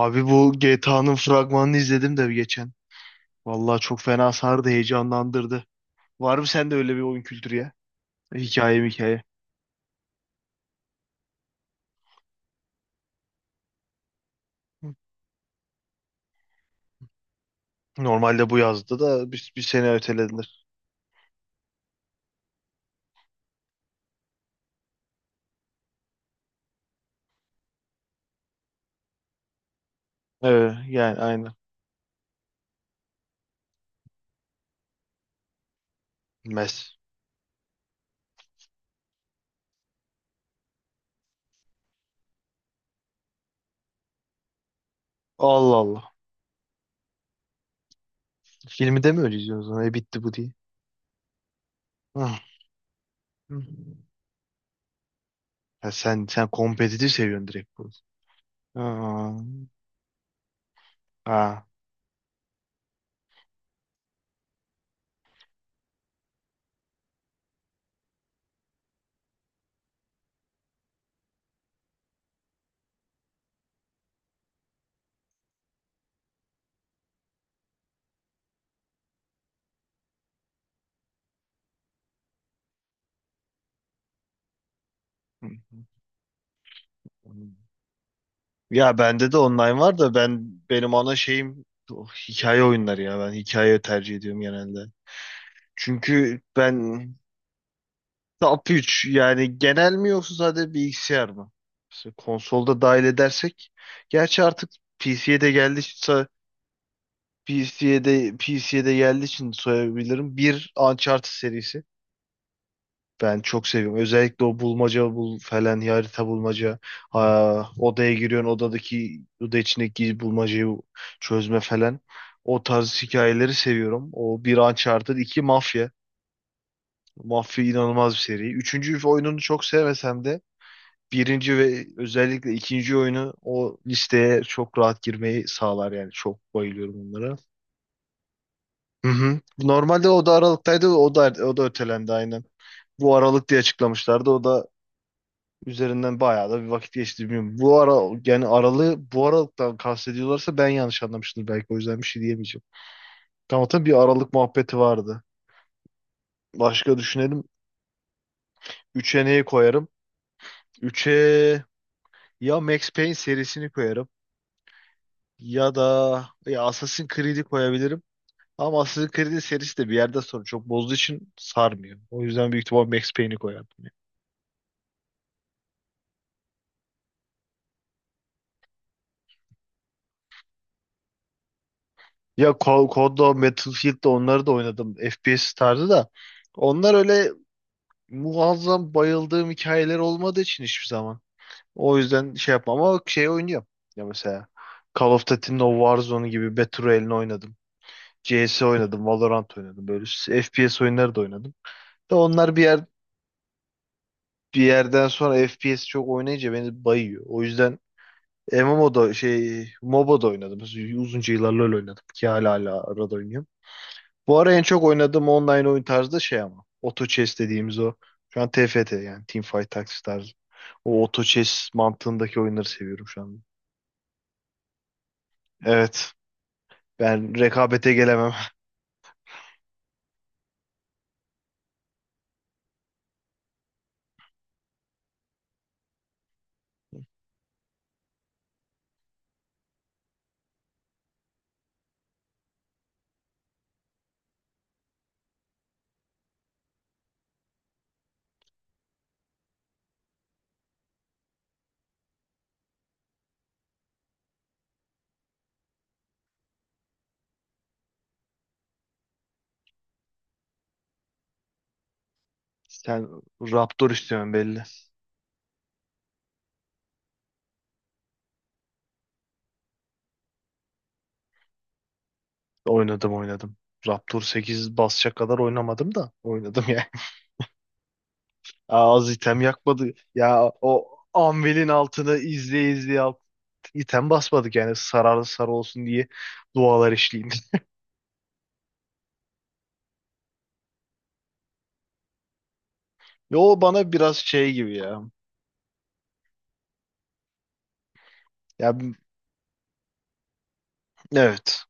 Abi bu GTA'nın fragmanını izledim de geçen. Vallahi çok fena sardı, heyecanlandırdı. Var mı sende öyle bir oyun kültürü ya? Hikaye mi hikaye? Normalde bu yazdı da bir sene ötelediler. Evet yani aynen. Mes. Allah Allah. Filmi de mi öyle izliyorsun? O zaman? E bitti bu diye. Hı. Hı. Ya sen kompetitif seviyorsun direkt bu. Aa. Ha. Hı. Ya bende de online var da ben benim ana şeyim oh, hikaye oyunları ya. Ben hikaye tercih ediyorum genelde. Çünkü ben top 3 yani genel mi yoksa sadece bilgisayar mı? Mesela konsolda dahil edersek. Gerçi artık PC'ye de geldi PC'ye de geldiği için söyleyebilirim. Bir Uncharted serisi. Ben çok seviyorum. Özellikle o bulmaca bul falan harita bulmaca. Ha, odaya giriyorsun odadaki oda içindeki bulmacayı çözme falan. O tarz hikayeleri seviyorum. O bir Uncharted, iki Mafya. Mafya inanılmaz bir seri. Üçüncü oyununu çok sevmesem de birinci ve özellikle ikinci oyunu o listeye çok rahat girmeyi sağlar yani. Çok bayılıyorum bunlara. Hı hı. Normalde o da Aralık'taydı. O da ötelendi aynen. Bu Aralık diye açıklamışlardı. O da üzerinden bayağı da bir vakit geçti, bilmiyorum. Bu ara yani aralığı bu aralıktan kastediyorlarsa ben yanlış anlamıştır belki, o yüzden bir şey diyemeyeceğim. Tamam tabii bir aralık muhabbeti vardı. Başka düşünelim. Üç'e neyi koyarım? Üçe ya Max Payne serisini koyarım ya da ya Assassin's Creed'i koyabilirim. Ama Assassin's Creed'in serisi de bir yerden sonra çok bozduğu için sarmıyor. O yüzden büyük ihtimal Max Payne'i koyardım. COD'da, Battlefield'da onları da oynadım. FPS tarzı da. Onlar öyle muazzam bayıldığım hikayeler olmadığı için hiçbir zaman. O yüzden şey yapmam ama şey oynuyorum. Ya mesela Call of Duty'nin o Warzone gibi Battle Royale'ini oynadım. CS oynadım, Valorant oynadım. Böyle FPS oyunları da oynadım. Da onlar bir yerden sonra FPS çok oynayınca beni bayıyor. O yüzden MMO'da şey MOBA'da oynadım. Uzunca yıllar LoL oynadım ki hala arada oynuyorum. Bu ara en çok oynadığım online oyun tarzı da şey ama. Auto Chess dediğimiz o. Şu an TFT yani Teamfight Tactics tarzı. O Auto Chess mantığındaki oyunları seviyorum şu an. Evet. Ben rekabete gelemem. Sen Raptor istiyorsun belli. Oynadım, oynadım. Raptor 8 basacak kadar oynamadım da oynadım yani. Aa, az item yakmadı. Ya o Anvil'in altını izleye izleye item basmadık yani sararlı sarı olsun diye dualar işleyeyim. Yo bana biraz şey gibi ya. Ya b- evet.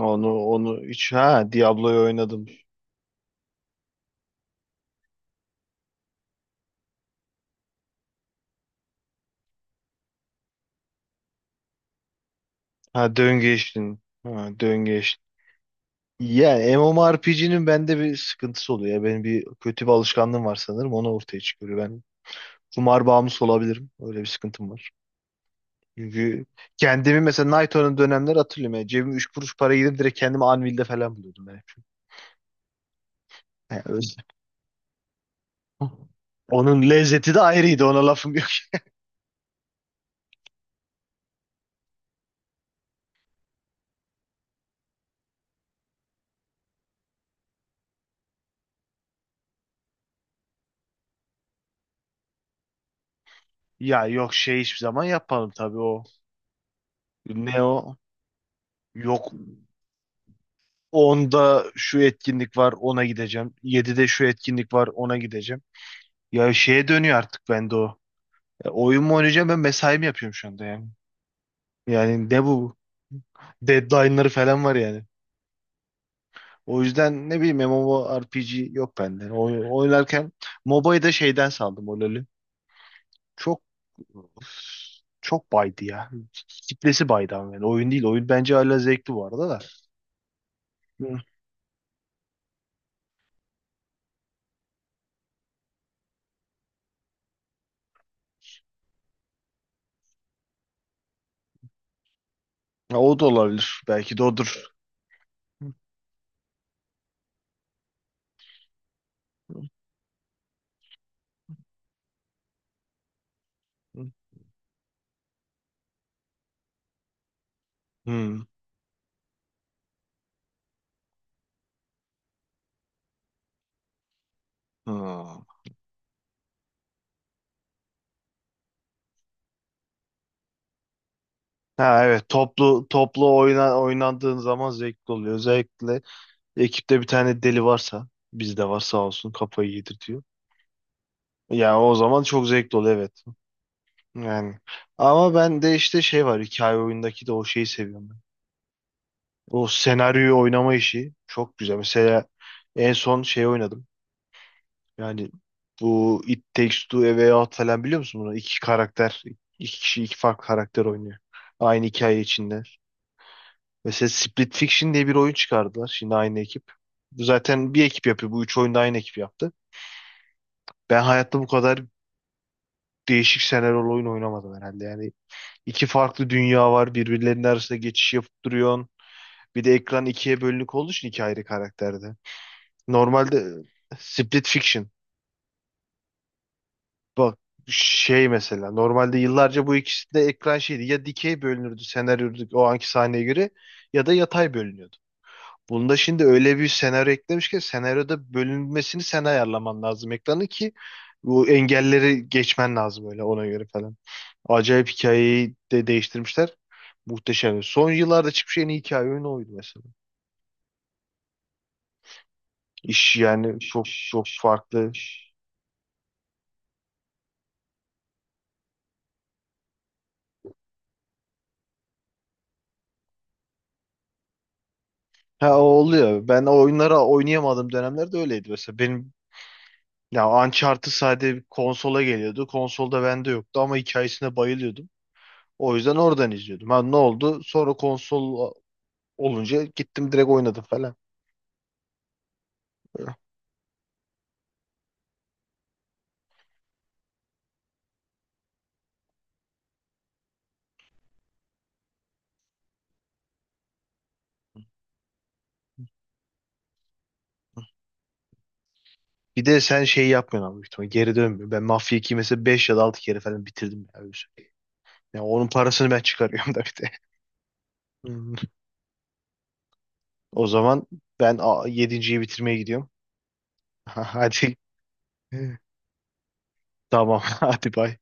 Onu hiç ha, Diablo'yu oynadım. Ha döngeçtin. Ha döngeç. Ya MMORPG'nin bende bir sıkıntısı oluyor. Ya benim bir kötü bir alışkanlığım var sanırım. Onu ortaya çıkıyor. Ben kumar bağımlısı olabilirim. Öyle bir sıkıntım var. Çünkü kendimi mesela Nighthawk'ın dönemleri hatırlıyorum. Yani cebim 3 kuruş para gidip direkt kendimi Anvil'de falan buluyordum ben hep. Yani öyle. Onun lezzeti de ayrıydı. Ona lafım yok. Ya yok, şey hiçbir zaman yapmadım tabii o. Ne o? Yok. Onda şu etkinlik var ona gideceğim. 7'de şu etkinlik var ona gideceğim. Ya şeye dönüyor artık bende o. Ya oyun mu oynayacağım ben, mesai mi yapıyorum şu anda yani. Yani ne bu? Deadline'ları falan var yani. O yüzden ne bileyim MMORPG yok bende. Oynarken MOBA'yı da şeyden saldım, o LoL'ü. Çok çok baydı ya. Kitlesi baydı ama yani. Oyun değil. Oyun bence hala zevkli bu arada da. Hı. Ya o da olabilir. Belki de odur. Hı. Hı. Hı. Ha evet, toplu toplu oynandığın zaman zevkli oluyor. Özellikle ekipte bir tane deli varsa, bizde var sağ olsun, kafayı yedirtiyor. Yani o zaman çok zevkli oluyor, evet. Yani ama ben de işte şey var, hikaye oyundaki de o şeyi seviyorum ben. O senaryoyu oynama işi çok güzel. Mesela en son şey oynadım. Yani bu It Takes Two, A Way Out falan, biliyor musun bunu? İki karakter, iki kişi iki farklı karakter oynuyor. Aynı hikaye içinde. Mesela Split Fiction diye bir oyun çıkardılar. Şimdi aynı ekip. Bu zaten bir ekip yapıyor. Bu üç oyunda aynı ekip yaptı. Ben hayatta bu kadar değişik senaryolu oyun oynamadım herhalde. Yani iki farklı dünya var. Birbirlerinin arasında geçiş yapıp duruyorsun. Bir de ekran ikiye bölünük olduğu için iki ayrı karakterde. Normalde Split Fiction. Bak şey mesela normalde yıllarca bu ikisi de ekran şeydi. Ya dikey bölünürdü senaryo o anki sahneye göre, ya da yatay bölünüyordu. Bunda şimdi öyle bir senaryo eklemiş ki, senaryoda bölünmesini sen ayarlaman lazım ekranı ki bu engelleri geçmen lazım öyle ona göre falan. Acayip, hikayeyi de değiştirmişler. Muhteşem. Son yıllarda çıkmış en iyi hikaye oyunu oydu mesela. İş yani çok çok farklı. Ha o oluyor. Ben o oyunları oynayamadığım dönemlerde öyleydi mesela. Benim ya Uncharted sadece konsola geliyordu. Konsolda bende yoktu ama hikayesine bayılıyordum. O yüzden oradan izliyordum. Ha, ne oldu? Sonra konsol olunca gittim direkt oynadım falan. Bir de sen şey yapmıyorsun abi büyük ihtimalle. Geri dönmüyor. Ben Mafia 2'yi mesela 5 ya da 6 kere falan bitirdim. Yani öyle, onun parasını ben çıkarıyorum da bir de. Hmm. O zaman ben yedinciyi bitirmeye gidiyorum. Hadi. Tamam. Hadi bay.